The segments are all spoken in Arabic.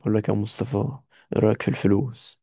بقول لك يا مصطفى، ايه رأيك في الفلوس؟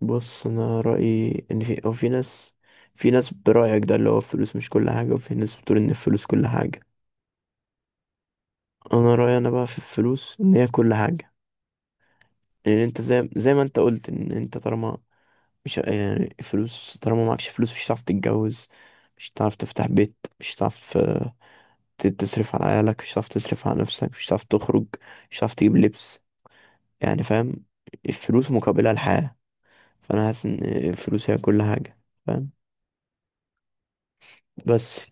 بص، انا رأيي ان في او في ناس. في ناس برأيك ده اللي هو الفلوس مش كل حاجة، وفي ناس بتقول ان الفلوس كل حاجة. انا رأيي انا بقى في الفلوس ان هي كل حاجة. يعني انت زي ما انت قلت ان انت طالما مش يعني فلوس، طالما معكش فلوس مش هتعرف تتجوز، مش هتعرف تفتح بيت، مش هتعرف تصرف على عيالك، مش هتعرف تصرف على نفسك، مش هتعرف تخرج، مش هتعرف تجيب لبس. يعني فاهم، الفلوس مقابلها الحياة. فانا حاسس ان فلوسي هي كل حاجه. فاهم؟ بس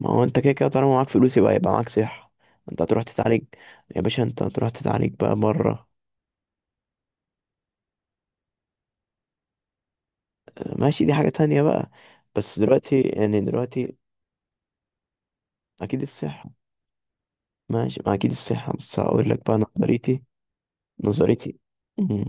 ما هو انت كده كده طالما معاك فلوس يبقى معاك صحه. انت هتروح تتعالج. يا باشا، انت هتروح تتعالج بقى بره. ماشي، دي حاجه تانية بقى. بس دلوقتي، يعني دلوقتي، اكيد الصحه. ماشي، ما اكيد الصحه، بس هقول لك بقى نظريتي. نظريتي. مم.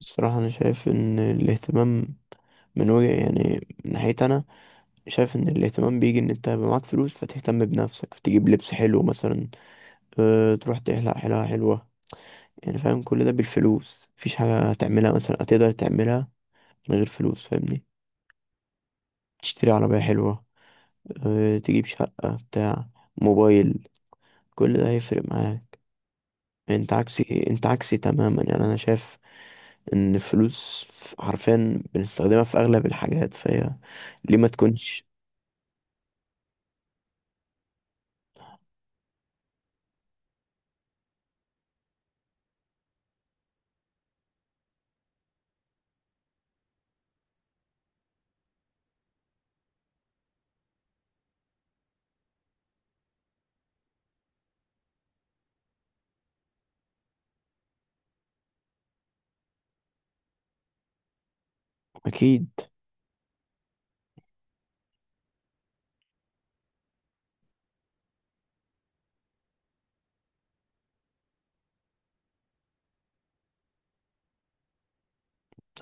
الصراحه انا شايف ان الاهتمام من وجه يعني من ناحيتي انا، شايف ان الاهتمام بيجي ان انت يبقى معاك فلوس، فتهتم بنفسك، فتجيب لبس حلو مثلا، تروح تحلق حلاقه حلوه. يعني فاهم، كل ده بالفلوس. مفيش حاجة هتعملها مثلا، هتقدر تعملها من غير فلوس؟ فاهمني؟ تشتري عربية حلوة، تجيب شقة، بتاع موبايل، كل ده هيفرق معاك. انت عكسي، تماما. يعني انا شايف ان الفلوس حرفيا بنستخدمها في اغلب الحاجات، فهي ليه ما تكونش؟ اكيد.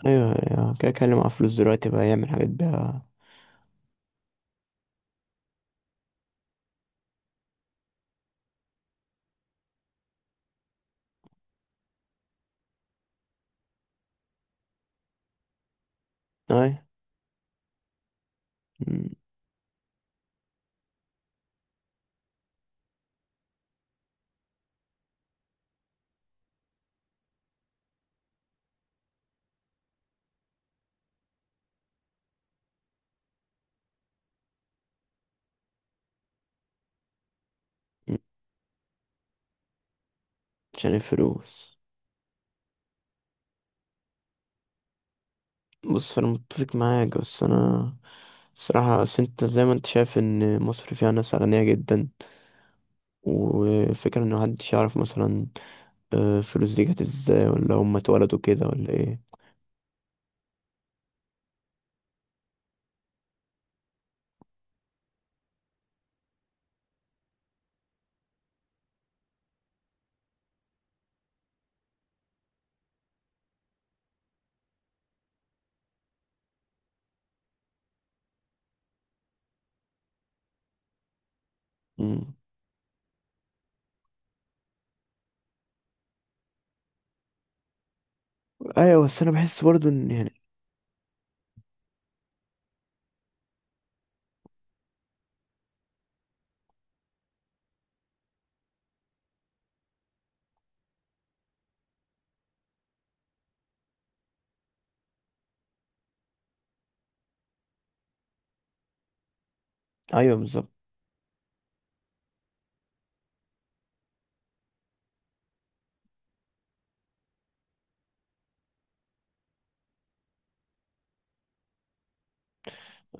ايوه، أيوة، كده كلم مع فلوس دلوقتي بقى يعمل حاجات بيها. اي، عشان الفلوس. بص، انا متفق معاك، بس انا الصراحة، بس انت زي ما انت شايف ان مصر فيها ناس أغنياء جدا، وفكرة ان محدش يعرف مثلا فلوس دي جت ازاي، ولا هم اتولدوا كده، ولا ايه. مم. ايوه، بس انا بحس برضه ان، يعني. ايوه بالظبط.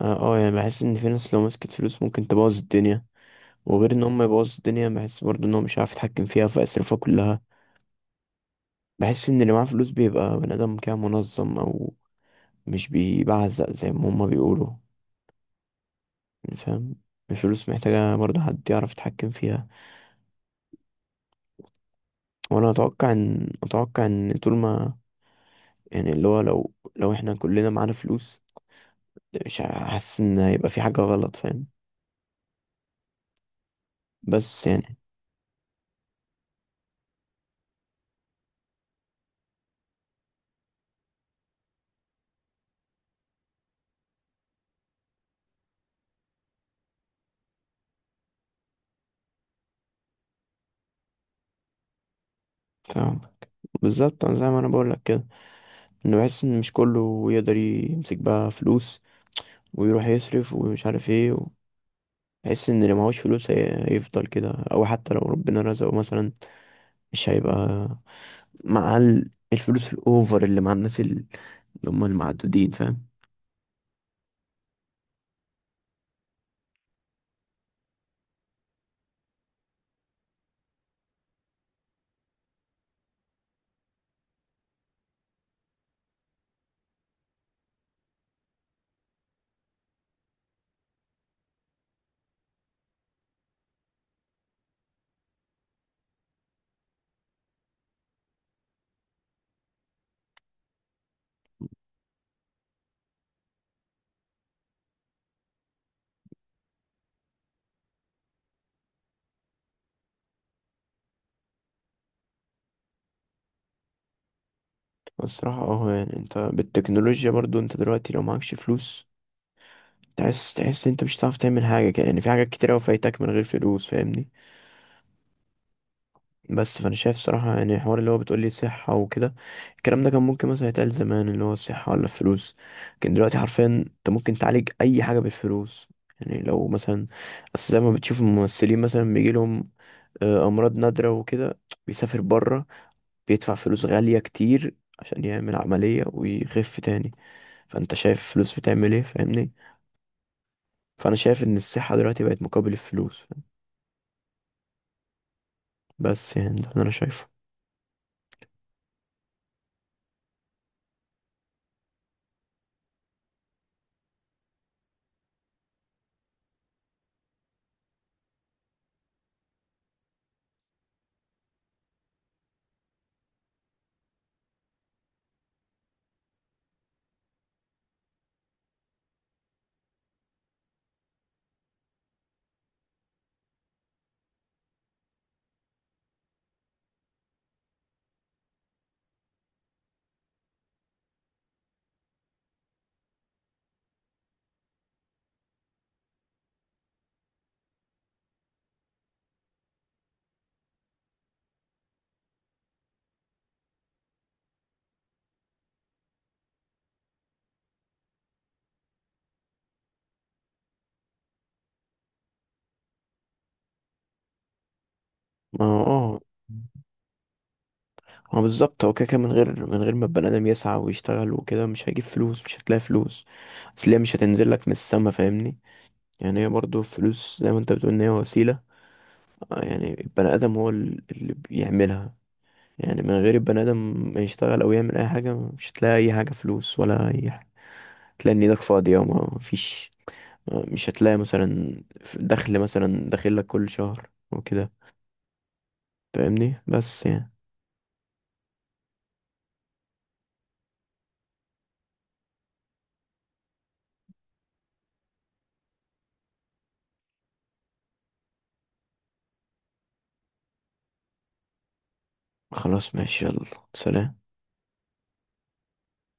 اه. يعني بحس ان في ناس لو مسكت فلوس ممكن تبوظ الدنيا. وغير ان هم يبوظوا الدنيا، بحس برضه ان هو مش عارف يتحكم فيها فيصرفها كلها. بحس ان اللي معاه فلوس بيبقى بني ادم كده منظم، او مش بيبعزق زي ما هم بيقولوا. يعني فاهم، الفلوس محتاجة برضه حد يعرف يتحكم فيها. وانا اتوقع ان، طول ما، يعني اللي هو لو احنا كلنا معانا فلوس، مش حاسس ان هيبقى في حاجة غلط. فاهم؟ بس يعني. فاهم؟ بالظبط. أنا زي ما انا بقول لك كده، انه بحس ان مش كله يقدر يمسك بقى فلوس ويروح يصرف ومش عارف ايه. بحس ان اللي معهوش فلوس هيفضل كده، او حتى لو ربنا رزقه مثلا، مش هيبقى مع الفلوس الاوفر اللي مع الناس اللي هم المعدودين. فاهم؟ الصراحة اه، يعني انت بالتكنولوجيا برضو، انت دلوقتي لو معكش فلوس تحس، انت مش هتعرف تعمل حاجة كده. يعني في حاجات كتير اوي فايتك من غير فلوس، فاهمني؟ بس فانا شايف صراحة، يعني الحوار اللي هو بتقولي صحة وكده، الكلام ده كان ممكن مثلا يتقال زمان، اللي هو الصحة ولا الفلوس. لكن دلوقتي حرفيا انت ممكن تعالج اي حاجة بالفلوس. يعني لو مثلا، اصل زي ما بتشوف الممثلين مثلا بيجيلهم امراض نادرة وكده، بيسافر بره، بيدفع فلوس غالية كتير عشان يعمل عملية ويخف تاني. فانت شايف الفلوس بتعمل ايه؟ فاهمني؟ فانا شايف ان الصحة دلوقتي بقت مقابل الفلوس. فاهم؟ بس يعني ده اللي انا شايفه. ما هو- اه. ما هو بالظبط، هو كده كده من غير ما البني ادم يسعى ويشتغل وكده، مش هيجيب فلوس، مش هتلاقي فلوس. اصل هي مش هتنزل لك من السما. فاهمني؟ يعني هي برضو الفلوس زي ما انت بتقول، ان هي وسيلة. يعني البني ادم هو اللي بيعملها. يعني من غير البني ادم ما يشتغل او يعمل اي حاجة، مش هتلاقي اي حاجة، فلوس ولا اي حاجة. تلاقي ان ايدك فاضية وما فيش. مش هتلاقي مثلا دخل مثلا داخل لك كل شهر وكده. فاهمني؟ بس يعني. خلاص، ماشي، يلا. سلام.